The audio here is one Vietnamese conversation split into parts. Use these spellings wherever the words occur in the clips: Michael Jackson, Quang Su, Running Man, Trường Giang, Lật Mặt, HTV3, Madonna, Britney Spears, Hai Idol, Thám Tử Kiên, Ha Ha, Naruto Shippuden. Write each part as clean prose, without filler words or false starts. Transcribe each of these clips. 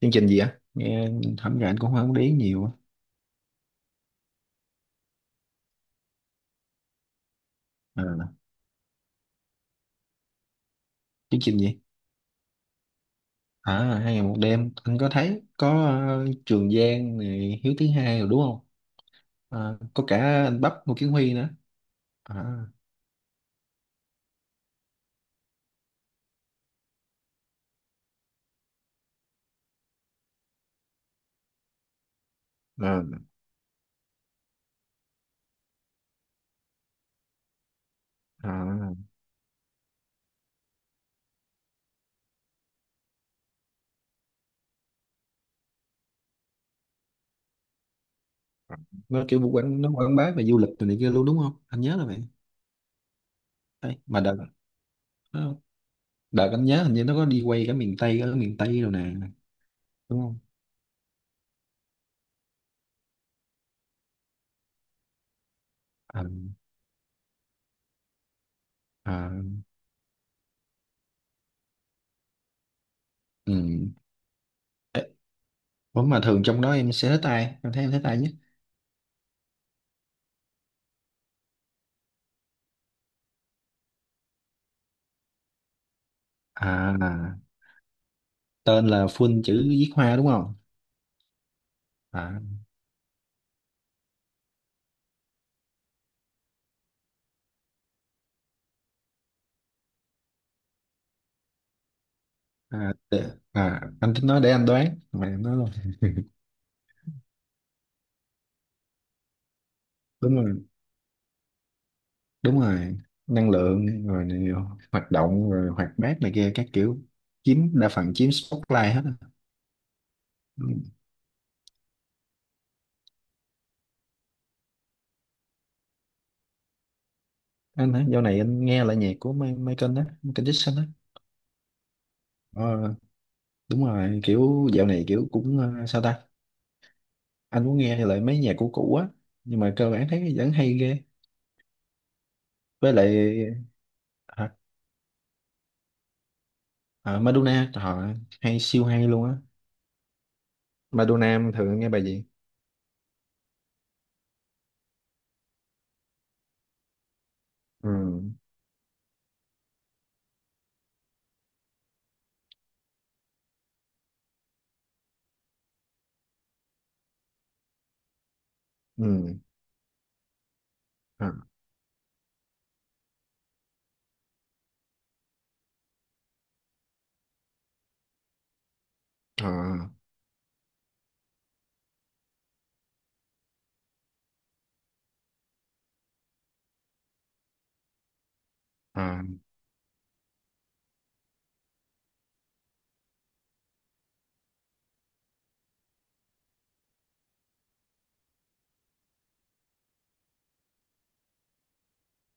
Chương trình gì á? Nghe thẩm ra anh cũng không để ý nhiều á. À, chương trình gì? À, hai ngày một đêm anh có thấy có Trường Giang này Hiếu thứ hai rồi đúng không? À, có cả anh Bắp Ngô Kiến Huy nữa. À. À. À. Nó kiểu quảng bá về du lịch rồi này kia luôn, đúng không? Anh nhớ là vậy. Đây, mà đợt nó- đợt anh nhớ hình như nó có đi quay cả miền Tây ở miền Tây rồi nè, đúng không? À. À. Ừ. Ê, ủa mà thường trong đó em sẽ thích ai em thấy em thích ai nhất? À, tên là full chữ viết hoa đúng không? À. À. Để, anh tính nói để anh đoán mà em nói luôn. Đúng rồi. Đúng rồi. Năng lượng rồi này, hoạt động rồi hoạt bát này kia các kiểu, chiếm đa phần, chiếm spotlight hết á. Ừ. Anh hả? Dạo này anh nghe lại nhạc của Michael á, Michael Jackson á. Ờ, đúng rồi, kiểu dạo này kiểu cũng sao ta. Anh muốn nghe lại mấy nhạc của cũ á, nhưng mà cơ bản thấy vẫn hay ghê. Với lại. Hả? À, Madonna họ hay, siêu hay luôn á. Ba đô nam thường nghe bài gì? Ừ. Ừ. À. À. À.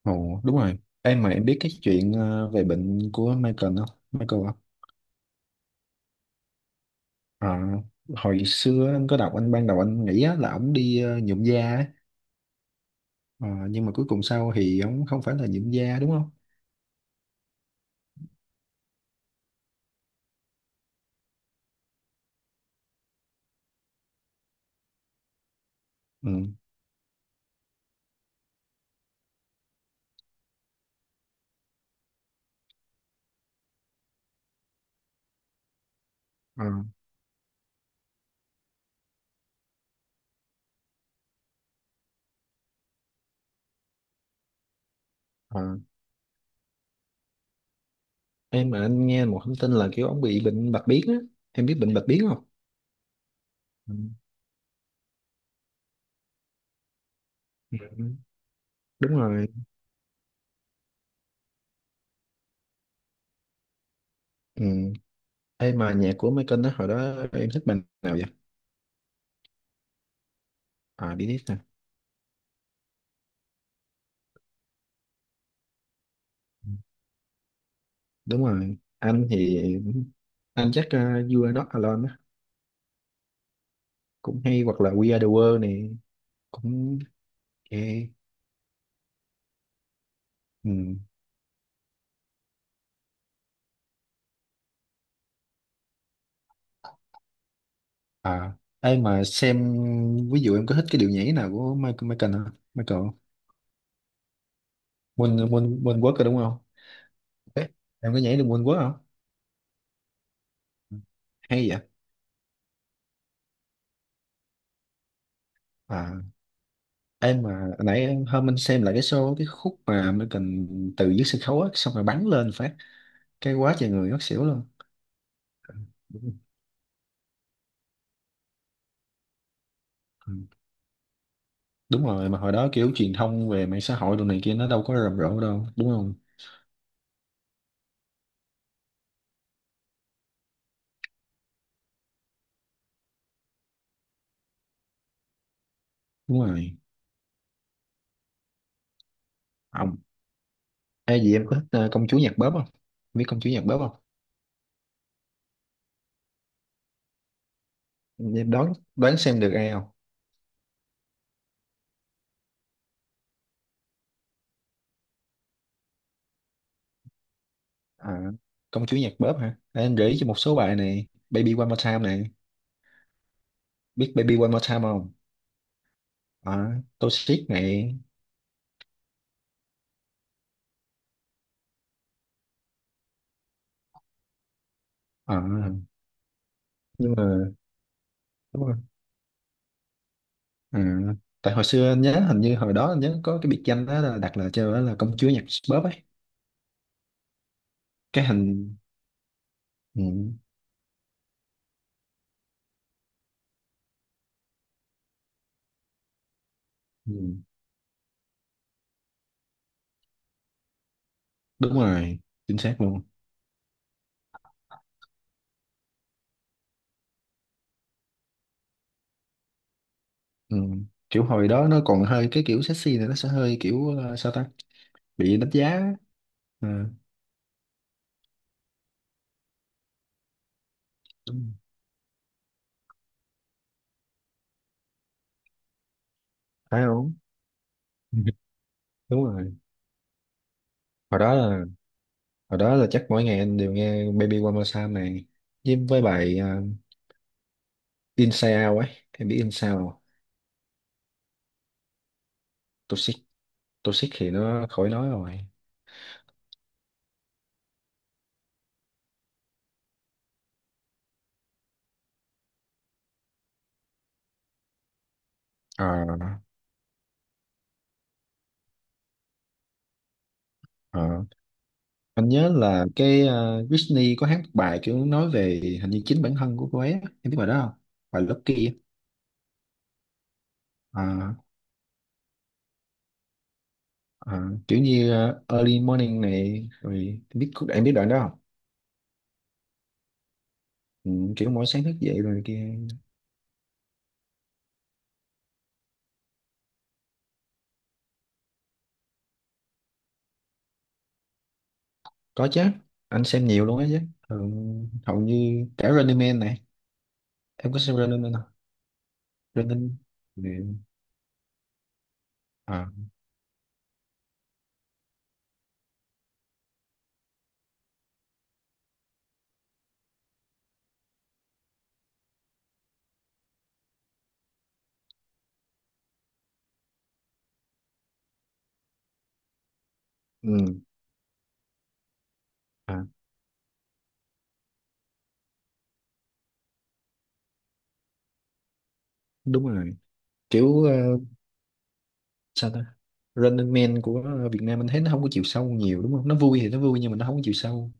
Ồ, đúng rồi, em mà em biết cái chuyện về bệnh của Michael không? Michael không? À, hồi xưa anh có đọc, anh ban đầu anh nghĩ á, là ổng đi nhuộm da á. Ờ, nhưng mà cuối cùng sau thì ổng không phải là nhuộm da, đúng không? Ừ. À. À. Em mà anh nghe một thông tin là kiểu ông bị bệnh bạch biến á, em biết bệnh bạch biến không? Ừ. Ừ. Đúng rồi. Ừ. Em mà nhạc của Michael đó hồi đó em thích bài nào vậy? À, Beat It nè. Đúng rồi, anh thì anh chắc You Are Not Alone á. Cũng hay, hoặc là We Are The World này. Cũng ok. Ừ. À, ai mà xem. Ví dụ em có thích cái điệu nhảy nào của Michael Michael hả? Michael, Moon Moon Moonwalk rồi đúng không? Ê, em có nhảy được Moonwalk không? Ừ. Hay vậy. À, hôm anh xem lại cái show cái khúc mà Michael từ dưới sân khấu á xong rồi bắn lên phát cái, quá trời người ngất xỉu luôn. Ừ. Đúng rồi mà hồi đó kiểu truyền thông về mạng xã hội đồ này kia nó đâu có rầm rộ đâu, đúng không? Đúng rồi. Ông. Ai gì em có thích công chúa nhạc bóp không? Em biết công chúa nhạc bóp không? Em đoán đoán xem được ai không? À, công chúa nhạc bóp hả? Để anh gợi ý cho một số bài này: Baby One More Time này. Biết Baby One More Time không? À, Toxic này. À, nhưng mà đúng rồi. À, tại hồi xưa anh nhớ hình như hồi đó anh nhớ có cái biệt danh đó là đặt là cho, đó là công chúa nhạc bóp ấy. Cái hình. Ừ. Ừ. Đúng rồi, chính xác luôn. Ừ. Kiểu hồi đó nó còn hơi cái kiểu sexy này, nó sẽ hơi kiểu sao ta, bị đánh giá á. Ừ. Đúng rồi. Phải không? Đúng rồi. Hồi đó là hồi đó là chắc mỗi ngày anh đều nghe Baby One More Time này, với bài Inside Out ấy, em biết Inside Out không? Toxic. Toxic thì nó khỏi nói rồi. Ờ. Ờ. Anh nhớ là cái Britney có hát một bài kiểu nói về hình như chính bản thân của cô ấy á. Em biết bài đó không? Bài Lucky á. Ờ. Ờ, kiểu như early morning này rồi, biết em biết đoạn đó không? Ừ, kiểu mỗi sáng thức dậy rồi kia. Có chứ, anh xem nhiều luôn á chứ. Ừ, hầu như cả Running Man này. Em có xem Running Man không? Running Man. À. Ừ. À, đúng rồi, kiểu sao ta. Running Man của Việt Nam anh thấy nó không có chiều sâu nhiều, đúng không? Nó vui thì nó vui, nhưng mà nó không có chiều sâu.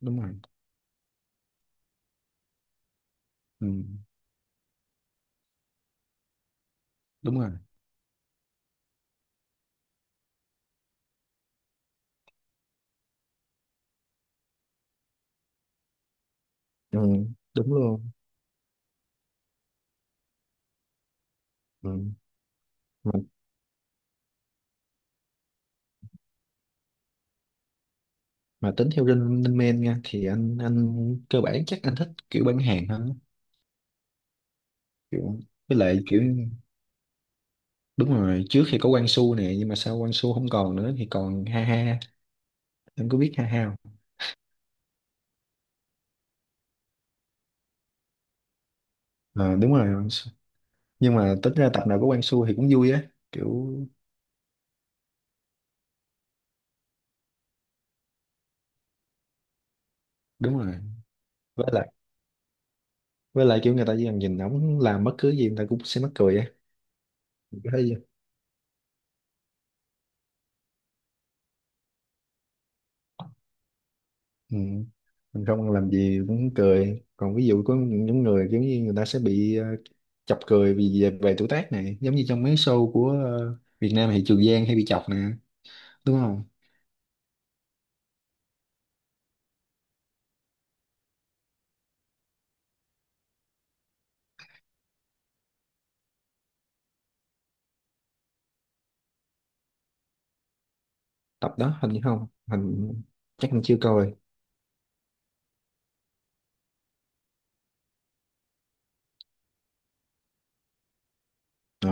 Đúng rồi. Ừ, đúng rồi. Ừ, đúng luôn. Ừ. Mà tính theo Linh Linh Men nha thì anh cơ bản chắc anh thích kiểu bán hàng hơn. Kiểu. Với lại kiểu. Đúng rồi, trước thì có Quang Su nè, nhưng mà sau Quang Su không còn nữa thì còn Ha Ha. Em có biết Ha Ha không? Ờ, đúng rồi, Quang Su. Nhưng mà tính ra tập nào có Quang Su thì cũng vui á. Kiểu. Đúng rồi. Với lại với lại kiểu người ta chỉ cần nhìn ổng làm bất cứ gì, người ta cũng sẽ mắc cười á. Thấy. Ừ. Mình không làm gì cũng cười. Còn ví dụ có những người giống như người ta sẽ bị chọc cười vì về tuổi tác này, giống như trong mấy show của Việt Nam thì Trường Giang hay bị chọc nè, đúng không? Tập đó hình như không, chắc anh chưa coi. Ờ,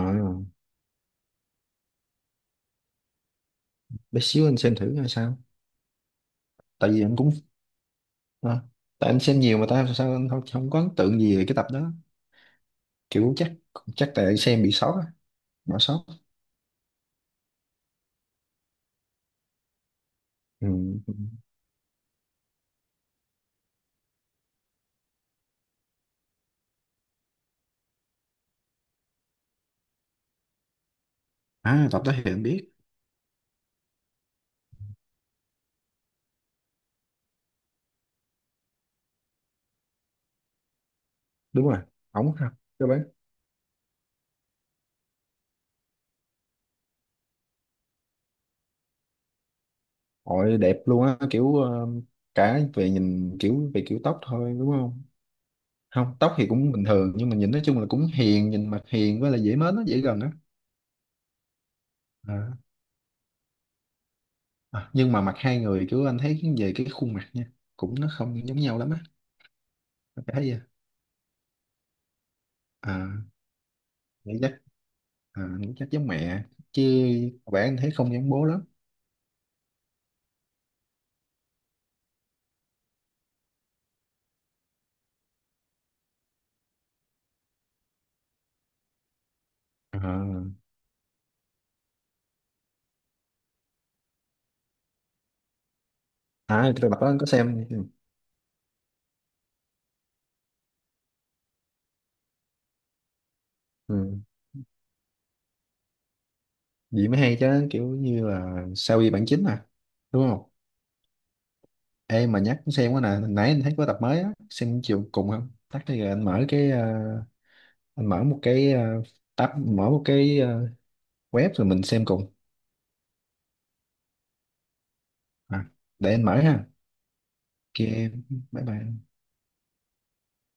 bé xíu anh xem thử coi sao. Tại vì anh cũng ờ, tại anh xem nhiều mà, tại sao anh không có ấn tượng gì về cái tập đó. Kiểu chắc chắc tại xem bị sót á, bỏ sót. Ừ. À, tập đó thì anh biết. Đúng rồi, ổng ha. Ôi, đẹp luôn á, kiểu cả về nhìn, kiểu về kiểu tóc thôi, đúng không? Không, tóc thì cũng bình thường, nhưng mà nhìn nói chung là cũng hiền, nhìn mặt hiền với là dễ mến, nó dễ gần á. À. À, nhưng mà mặt 2 người kiểu anh thấy về cái khuôn mặt nha, cũng nó không giống nhau lắm á. Anh thấy vậy? À. Nghĩ chắc. À, nghĩ chắc giống mẹ chứ, bạn anh thấy không giống bố lắm. À. À, cái tập đó anh có xem. Ừ. Ừ, vậy mới hay chứ, kiểu như là sao y bản chính à, đúng không? Ê mà nhắc xem quá nè, hồi nãy anh thấy có tập mới á, xem chiều cùng không? Tắt đi rồi anh mở cái anh mở một cái tab, mở một cái web rồi mình xem cùng. À, để anh mở ha. Ok, bye bye.